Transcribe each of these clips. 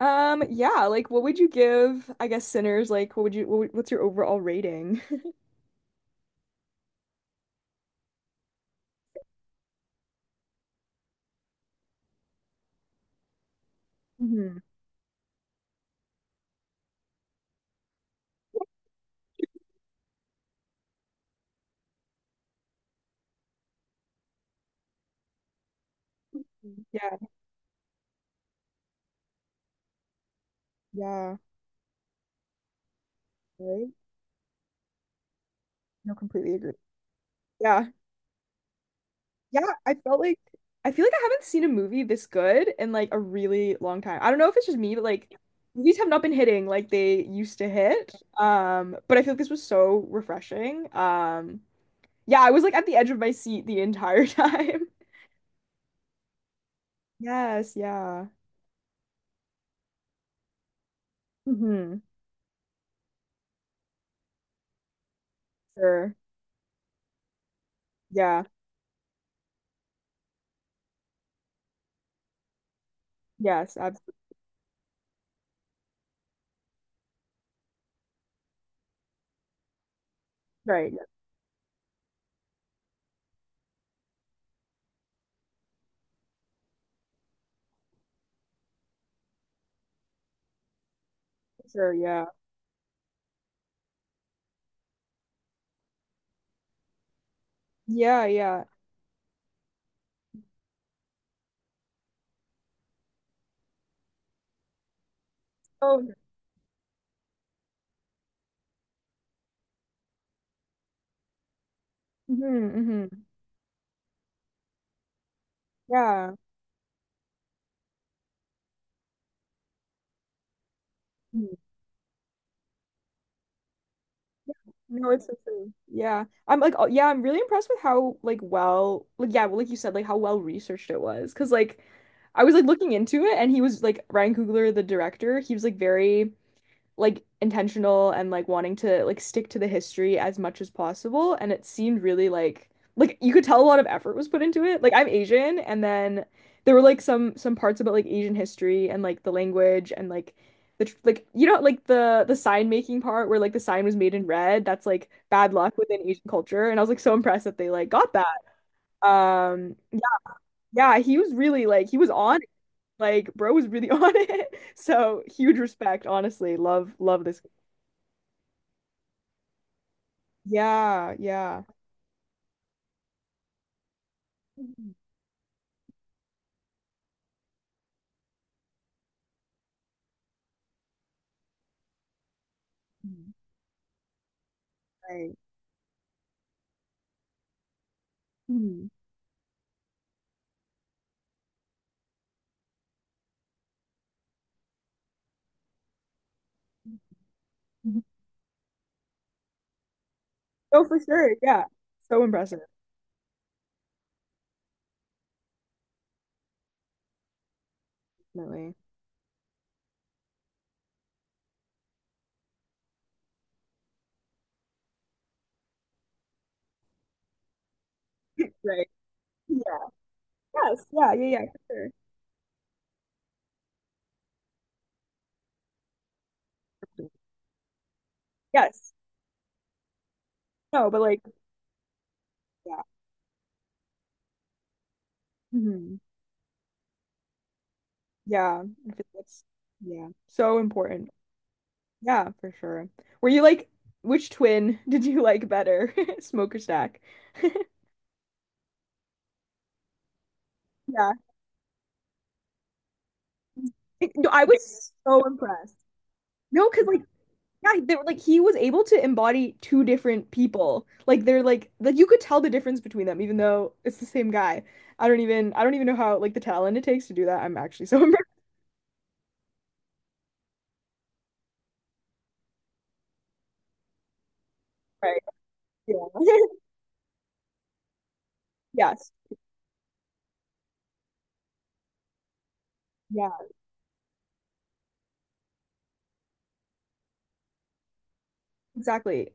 Yeah, like what would you give, I guess, Sinners? Like, what would you, what, would- what's your overall rating? Hmm. Yeah, yeah, right. No, completely agree. Yeah, yeah. I feel like I haven't seen a movie this good in like a really long time. I don't know if it's just me, but like movies have not been hitting like they used to hit. But I feel like this was so refreshing. Yeah, I was like at the edge of my seat the entire time. Yes, yeah. Hmm. Sure. Yeah. Yes, absolutely. Right. Yeah, sure. Yeah. Yeah. Yeah. Oh. Mm-hmm, hmm. Yeah. Mhm. No, it's so true. Yeah. I'm like, oh, yeah, I'm really impressed with how like well, like yeah, well, like you said, like how well researched it was. Because like, I was like looking into it, and he was like Ryan Coogler, the director. He was like very like intentional and like wanting to like stick to the history as much as possible, and it seemed really like you could tell a lot of effort was put into it. Like, I'm Asian, and then there were like some parts about like Asian history and like the language, and like like like the sign making part, where like the sign was made in red, that's like bad luck within Asian culture, and I was like so impressed that they like got that. Yeah, yeah, he was really like he was on it. Like, bro was really on it. So huge respect, honestly. Love, love this. Yeah, yeah. Mhm. Mhm. Right. Mhm. Mhm. Oh, for sure. Yeah. So impressive, definitely. Right. Yeah. Yes. Yeah. Yeah. Yeah. For sure. Yes. No, but like, yeah. Hmm. Yeah. I feel like that's, yeah, so important. Yeah, for sure. Were you like, which twin did you like better? Smoke or stack? Yeah. No, I was so impressed. No, because like yeah, they were like he was able to embody two different people. Like, they're like you could tell the difference between them, even though it's the same guy. I don't even know how like the talent it takes to do that. I'm actually so impressed. Right. Yeah. Yes. Yeah. Exactly.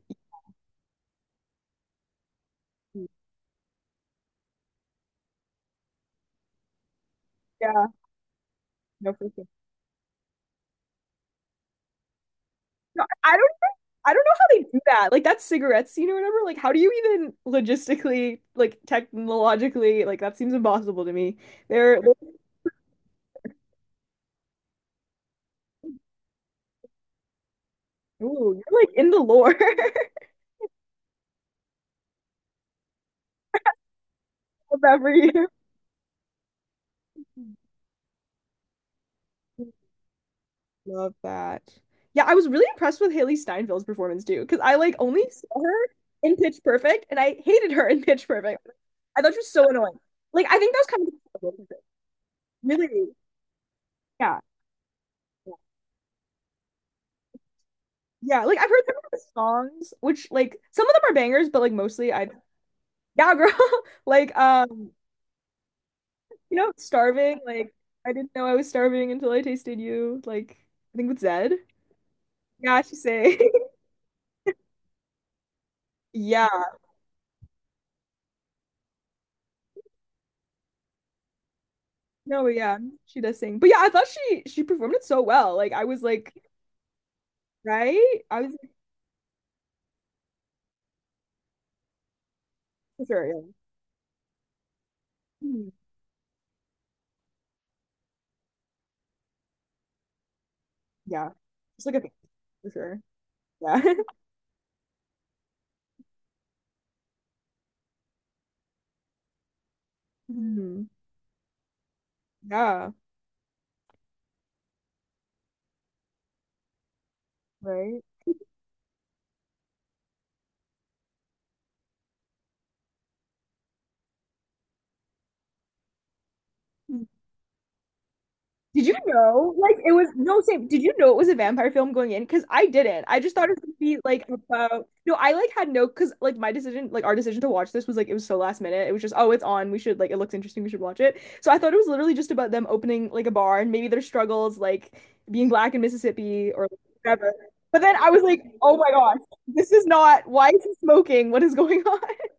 Yeah. No freaking. No, I don't know how they do that. Like that cigarette scene or whatever. Like, how do you even logistically like technologically like that seems impossible to me. They're Ooh, you're like in the lore of every. Love that. Yeah, I was really impressed with Hailee Steinfeld's performance too, because I like only saw her in Pitch Perfect, and I hated her in Pitch Perfect. I thought she was so annoying. Like, I think that was kind of really, yeah, yeah. Like, I've heard some of the songs, which like some of them are bangers, but like mostly I, yeah, girl, like starving. Like, I didn't know I was starving until I tasted you. Like, I think with Zed. Yeah, she say, yeah. No, but yeah, she does sing. But yeah, I thought she performed it so well. Like I was like, right? I was like, for sure, yeah. Mhm. Yeah. It's like a thing, for sure. Yeah. Mhm. Yeah, right. Did you know? Like, it was no same. Did you know it was a vampire film going in? Because I didn't. I just thought it was gonna be like about no, I like had no because like my decision, like our decision to watch this was like it was so last minute. It was just, oh, it's on. We should like it looks interesting, we should watch it. So I thought it was literally just about them opening like a bar and maybe their struggles, like being black in Mississippi or whatever. But then I was like, oh my gosh, this is not why is he smoking? What is going on?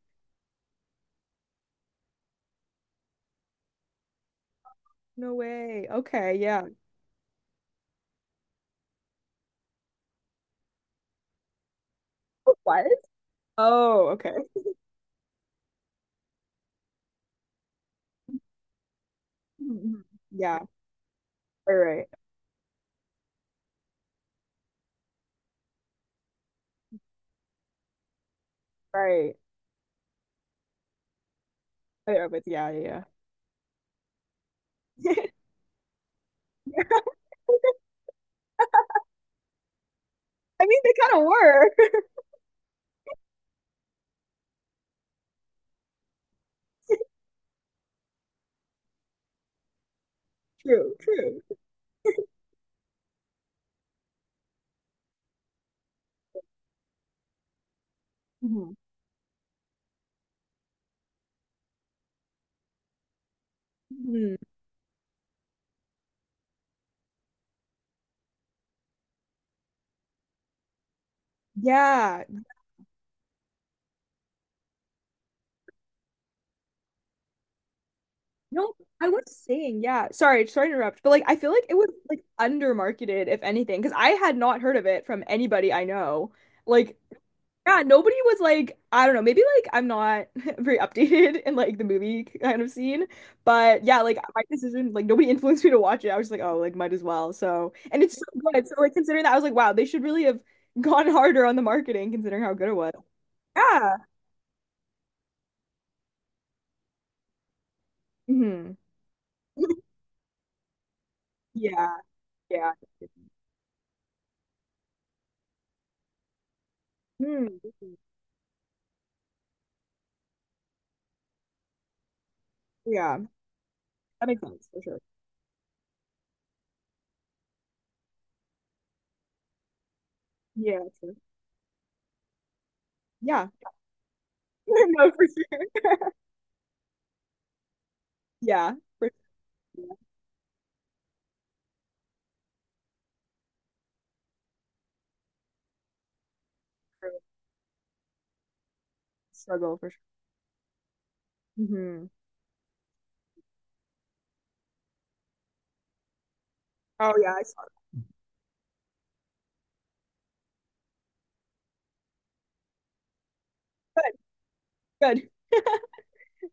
No way. Okay, yeah. What? Oh, okay. Mhm. Yeah. All right. Right. Oh, yeah, but yeah, yeah, yeah. I mean, they kind of were. True, true. Mhm. Mhm. Yeah. No, I was saying, yeah. Sorry to interrupt, but like I feel like it was like undermarketed, if anything, because I had not heard of it from anybody I know. Like, yeah, nobody was like, I don't know, maybe like I'm not very updated in like the movie kind of scene, but yeah, like my decision, like nobody influenced me to watch it. I was just like, oh, like might as well. So, and it's so good. So, like considering that, I was like, wow, they should really have gone harder on the marketing considering how good it was. Yeah. Hmm. Yeah. Yeah. Hmm. Yeah. That makes sense for sure. Yeah. True. Yeah. No, for sure. Yeah. For sure. Yeah, true. Struggle for sure. Hmm. Oh yeah, I saw. Good. Good.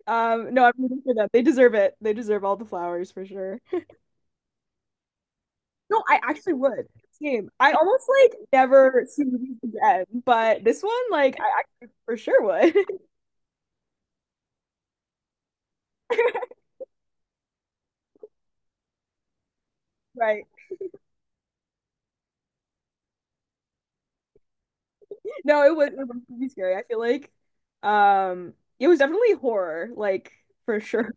No, I'm rooting for them. They deserve it. They deserve all the flowers for sure. No, I actually would. Same. I almost like never see movies again, but this one, like, I actually for sure would. Right. No, it was pretty scary. I feel like um it was definitely horror, like for sure.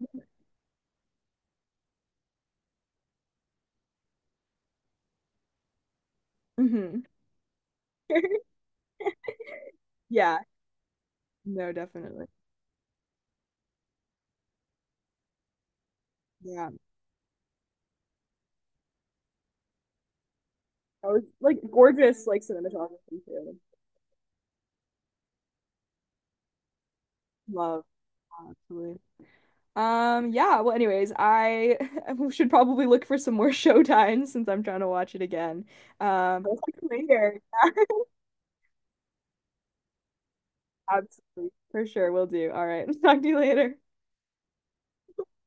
Hmm. Yeah. No, definitely. Yeah. I was like gorgeous like cinematography too. Love, absolutely. Yeah, well, anyways, I should probably look for some more showtime since I'm trying to watch it again. But I'll talk to you later. Absolutely. For sure, we will do. All right. Talk to you later.